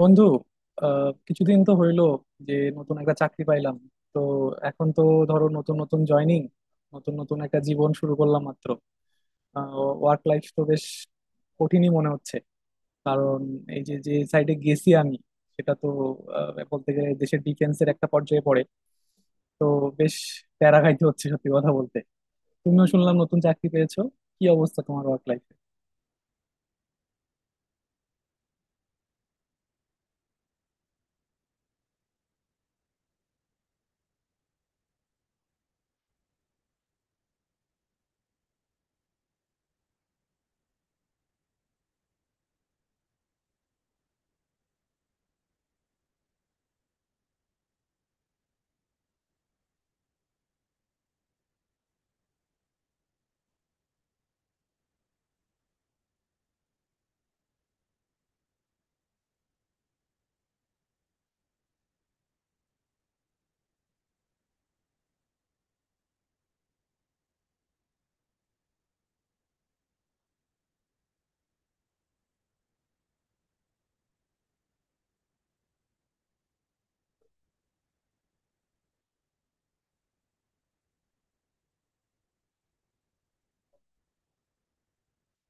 বন্ধু, কিছুদিন তো হইলো যে নতুন একটা চাকরি পাইলাম। তো এখন তো ধরো নতুন নতুন জয়নিং, নতুন নতুন একটা জীবন শুরু করলাম মাত্র। ওয়ার্ক লাইফ তো বেশ কঠিনই মনে হচ্ছে, কারণ এই যে যে সাইডে গেছি আমি, সেটা তো বলতে গেলে দেশের ডিফেন্সের একটা পর্যায়ে পড়ে। তো বেশ প্যারা খাইতে হচ্ছে সত্যি কথা বলতে। তুমিও শুনলাম নতুন চাকরি পেয়েছো, কি অবস্থা তোমার ওয়ার্ক লাইফ?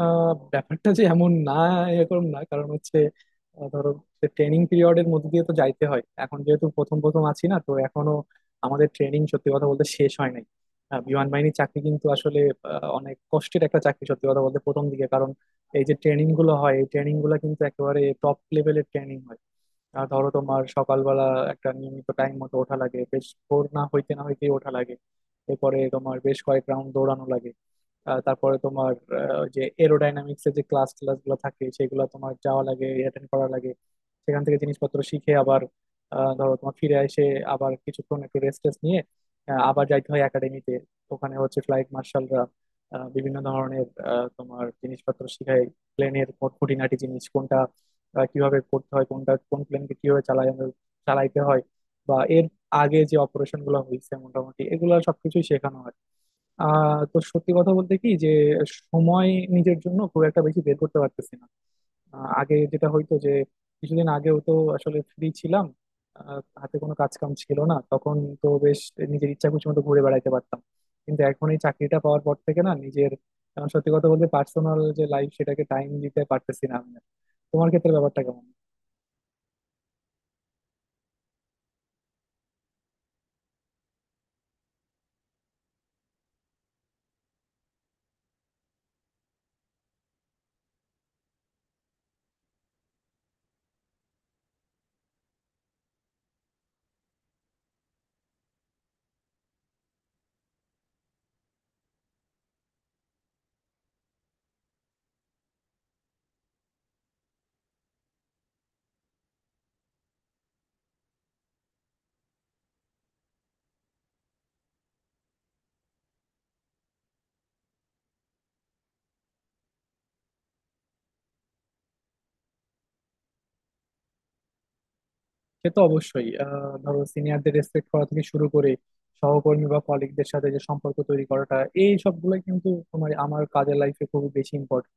ব্যাপারটা যে এমন না, এরকম না। কারণ হচ্ছে ধরো ট্রেনিং পিরিয়ডের মধ্যে দিয়ে তো যাইতে হয়, এখন যেহেতু প্রথম প্রথম আছি না, তো এখনো আমাদের ট্রেনিং সত্যি কথা বলতে শেষ হয় নাই। বিমান বাহিনীর চাকরি কিন্তু আসলে অনেক কষ্টের একটা চাকরি সত্যি কথা বলতে প্রথম দিকে। কারণ এই যে ট্রেনিং গুলো হয়, এই ট্রেনিং গুলো কিন্তু একেবারে টপ লেভেলের ট্রেনিং হয়। আর ধরো তোমার সকালবেলা একটা নিয়মিত টাইম মতো ওঠা লাগে, বেশ ভোর না হইতেই ওঠা লাগে। এরপরে তোমার বেশ কয়েক রাউন্ড দৌড়ানো লাগে। তারপরে তোমার ওই যে এরোডাইনামিক্স এর যে ক্লাস ক্লাস গুলো থাকে, সেগুলো তোমার যাওয়া লাগে, অ্যাটেন্ড করা লাগে। সেখান থেকে জিনিসপত্র শিখে আবার ধরো তোমার ফিরে এসে আবার কিছুক্ষণ একটু রেস্ট টেস্ট নিয়ে আবার যাইতে হয় একাডেমিতে। ওখানে হচ্ছে ফ্লাইট মার্শালরা বিভিন্ন ধরনের তোমার জিনিসপত্র শিখায়, প্লেনের খুঁটিনাটি জিনিস কোনটা কিভাবে করতে হয়, কোনটা কোন প্লেনকে কিভাবে চালাই আমরা, চালাইতে হয়, বা এর আগে যে অপারেশন গুলো হয়েছে মোটামুটি এগুলো সবকিছুই শেখানো হয়। তো সত্যি কথা বলতে কি, যে সময় নিজের জন্য খুব একটা বেশি বের করতে পারতেছি না। আগে যেটা হইতো যে কিছুদিন আগেও তো আসলে ফ্রি ছিলাম, হাতে কোনো কাজ কাম ছিল না তখন। তো বেশ নিজের ইচ্ছা খুশি মতো ঘুরে বেড়াইতে পারতাম, কিন্তু এখন এই চাকরিটা পাওয়ার পর থেকে না নিজের সত্যি কথা বলতে পার্সোনাল যে লাইফ, সেটাকে টাইম দিতে পারতেছি না আমি আর। তোমার ক্ষেত্রে ব্যাপারটা কেমন? সে তো অবশ্যই, ধরো সিনিয়রদের রেসপেক্ট করা থেকে শুরু করে সহকর্মী বা কলিগদের সাথে যে সম্পর্ক তৈরি করাটা, এই সবগুলো কিন্তু তোমার আমার কাজের লাইফে খুবই বেশি ইম্পর্টেন্ট।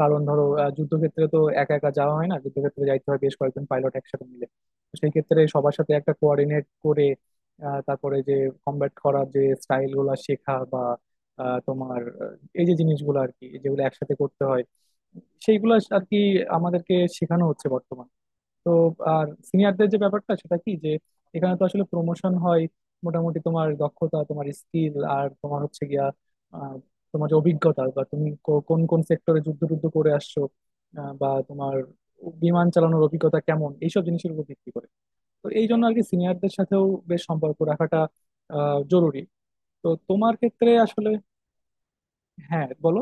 কারণ ধরো যুদ্ধক্ষেত্রে তো একা একা যাওয়া হয় না, যুদ্ধক্ষেত্রে যাইতে হয় বেশ কয়েকজন পাইলট একসাথে মিলে। তো সেই ক্ষেত্রে সবার সাথে একটা কোঅর্ডিনেট করে তারপরে যে কমব্যাট করার যে স্টাইল গুলা শেখা বা এই যে জিনিসগুলো আর কি, যেগুলো একসাথে করতে হয়, সেইগুলো আর কি আমাদেরকে শেখানো হচ্ছে বর্তমানে। তো আর সিনিয়রদের যে ব্যাপারটা, সেটা কি যে এখানে তো আসলে প্রমোশন হয় মোটামুটি তোমার দক্ষতা, তোমার স্কিল, আর তোমার হচ্ছে গিয়া আহ, তোমার যে অভিজ্ঞতা, বা তুমি কোন কোন সেক্টরে যুদ্ধ টুদ্ধ করে আসছো, বা তোমার বিমান চালানোর অভিজ্ঞতা কেমন, এইসব জিনিসের উপর ভিত্তি করে। তো এই জন্য আর কি সিনিয়রদের সাথেও বেশ সম্পর্ক রাখাটা জরুরি। তো তোমার ক্ষেত্রে আসলে হ্যাঁ, বলো।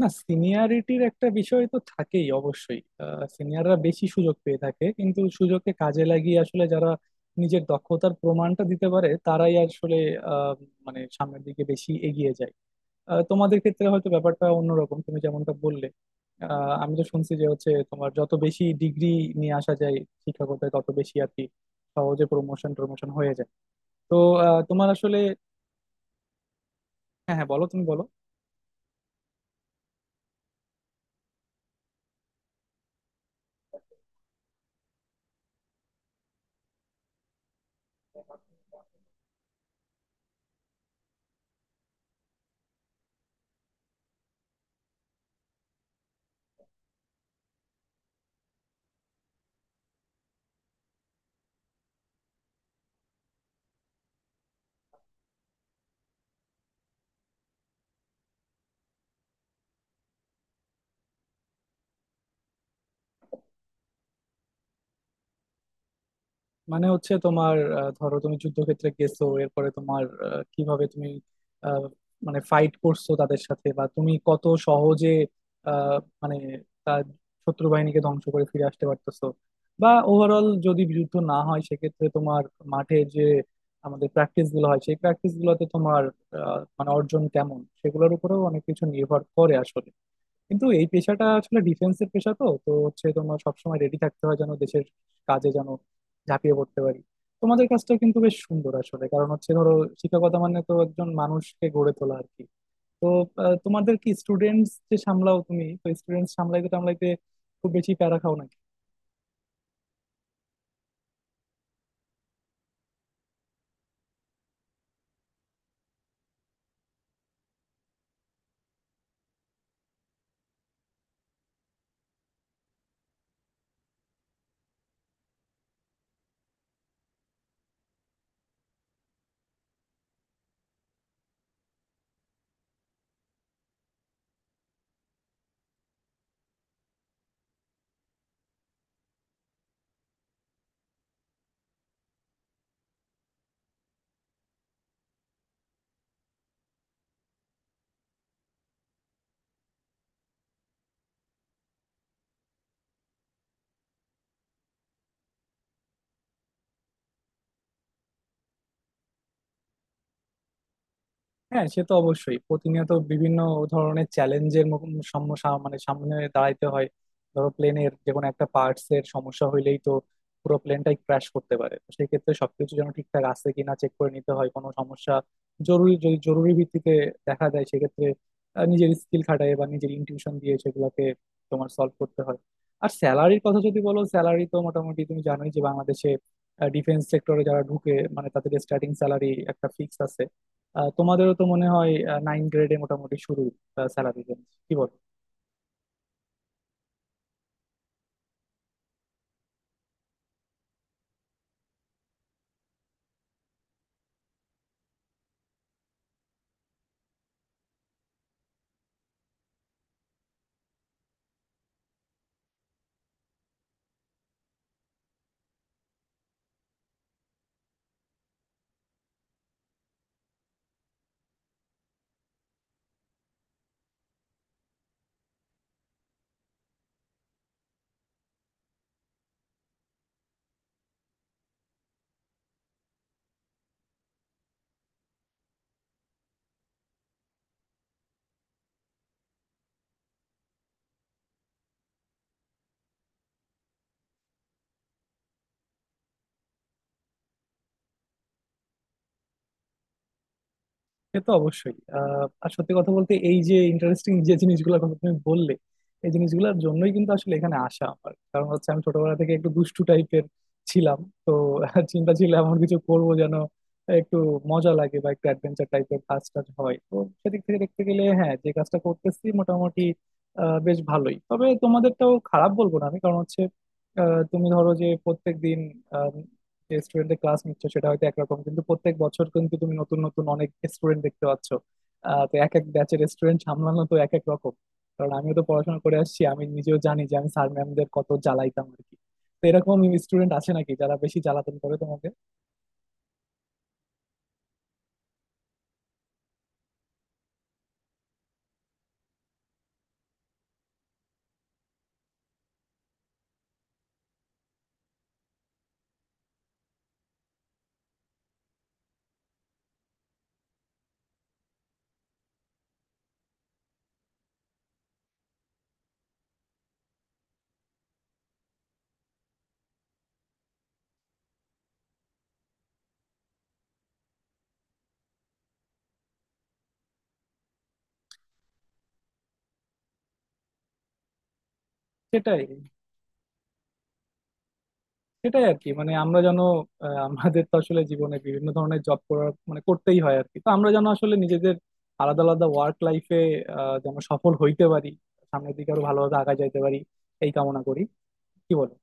না, সিনিয়রিটির একটা বিষয় তো থাকেই অবশ্যই। সিনিয়ররা বেশি সুযোগ পেয়ে থাকে, কিন্তু সুযোগকে কাজে লাগিয়ে আসলে যারা নিজের দক্ষতার প্রমাণটা দিতে পারে, তারাই আসলে আহ, মানে সামনের দিকে বেশি এগিয়ে যায়। তোমাদের ক্ষেত্রে হয়তো ব্যাপারটা অন্যরকম, তুমি যেমনটা বললে আমি তো শুনছি যে হচ্ছে তোমার যত বেশি ডিগ্রি নিয়ে আসা যায় শিক্ষকতায়, তত বেশি আর কি সহজে প্রমোশন প্রমোশন হয়ে যায়। তো তোমার আসলে হ্যাঁ হ্যাঁ, বলো, তুমি বলো। মানে হচ্ছে তোমার ধরো তুমি যুদ্ধক্ষেত্রে গেছো, এরপরে তোমার কিভাবে তুমি আহ, মানে ফাইট করছো তাদের সাথে, বা তুমি কত সহজে আহ, মানে তার শত্রু বাহিনীকে ধ্বংস করে ফিরে আসতে পারতেছো, বা ওভারঅল যদি যুদ্ধ না হয় সেক্ষেত্রে তোমার মাঠে যে আমাদের প্র্যাকটিস গুলো হয়, সেই প্র্যাকটিস গুলোতে তোমার মানে অর্জন কেমন, সেগুলোর উপরেও অনেক কিছু নির্ভর করে আসলে। কিন্তু এই পেশাটা আসলে ডিফেন্সের পেশা, তো তো হচ্ছে তোমার সবসময় রেডি থাকতে হয় যেন দেশের কাজে যেন ঝাঁপিয়ে পড়তে পারি। তোমাদের কাজটা কিন্তু বেশ সুন্দর আসলে, কারণ হচ্ছে ধরো শিক্ষকতা মানে তো একজন মানুষকে গড়ে তোলা আর কি। তো তোমাদের কি স্টুডেন্টস যে সামলাও, তুমি তো স্টুডেন্টস সামলাইতে টামলাইতে খুব বেশি প্যারা খাও না? হ্যাঁ, সে তো অবশ্যই প্রতিনিয়ত বিভিন্ন ধরনের চ্যালেঞ্জের মানে সামনে দাঁড়াইতে হয়। ধরো প্লেনের যে কোনো একটা পার্টস এর সমস্যা হইলেই তো পুরো প্লেনটাই ক্র্যাশ করতে পারে। তো সেই ক্ষেত্রে সবকিছু যেন ঠিকঠাক আছে কিনা চেক করে নিতে হয়, কোনো সমস্যা জরুরি, যদি জরুরি ভিত্তিতে দেখা যায় সেক্ষেত্রে নিজের স্কিল খাটায় বা নিজের ইনটিউশন দিয়ে সেগুলোকে তোমার সলভ করতে হয়। আর স্যালারির কথা যদি বলো, স্যালারি তো মোটামুটি তুমি জানোই যে বাংলাদেশে ডিফেন্স সেক্টরে যারা ঢুকে মানে তাদের স্টার্টিং স্যালারি একটা ফিক্স আছে। তোমাদেরও তো মনে হয় নাইন গ্রেডে মোটামুটি শুরু, স্যালারি রেঞ্জ কি বল? সে তো অবশ্যই আর সত্যি কথা বলতে এই যে ইন্টারেস্টিং যে জিনিসগুলোর কথা তুমি বললে, এই জিনিসগুলোর জন্যই কিন্তু আসলে এখানে আসা আমার। কারণ হচ্ছে আমি ছোটবেলা থেকে একটু দুষ্টু টাইপের ছিলাম। তো চিন্তা ছিল এমন কিছু করবো যেন একটু মজা লাগে বা একটু অ্যাডভেঞ্চার টাইপের কাজ টাজ হয়। তো সেদিক থেকে দেখতে গেলে হ্যাঁ, যে কাজটা করতেছি মোটামুটি বেশ ভালোই। তবে তোমাদেরটাও খারাপ বলবো না আমি, কারণ হচ্ছে তুমি ধরো যে প্রত্যেকদিন স্টুডেন্টের ক্লাস নিচ্ছ সেটা হয়তো একরকম, কিন্তু প্রত্যেক বছর কিন্তু তুমি নতুন নতুন অনেক স্টুডেন্ট দেখতে পাচ্ছ। তো এক এক ব্যাচের স্টুডেন্ট সামলানো তো এক এক রকম। কারণ আমিও তো পড়াশোনা করে আসছি, আমি নিজেও জানি যে আমি স্যার ম্যামদের কত জ্বালাইতাম আর কি। তো এরকম স্টুডেন্ট আছে নাকি যারা বেশি জ্বালাতন করে তোমাকে? সেটাই, সেটাই আর কি। মানে আমরা যেন আমাদের তো আসলে জীবনে বিভিন্ন ধরনের জব করার মানে করতেই হয় আর কি। তো আমরা যেন আসলে নিজেদের আলাদা আলাদা ওয়ার্ক লাইফে যেন সফল হইতে পারি, সামনের দিকে আরো ভালোভাবে আগা যাইতে পারি, এই কামনা করি। কি বলো?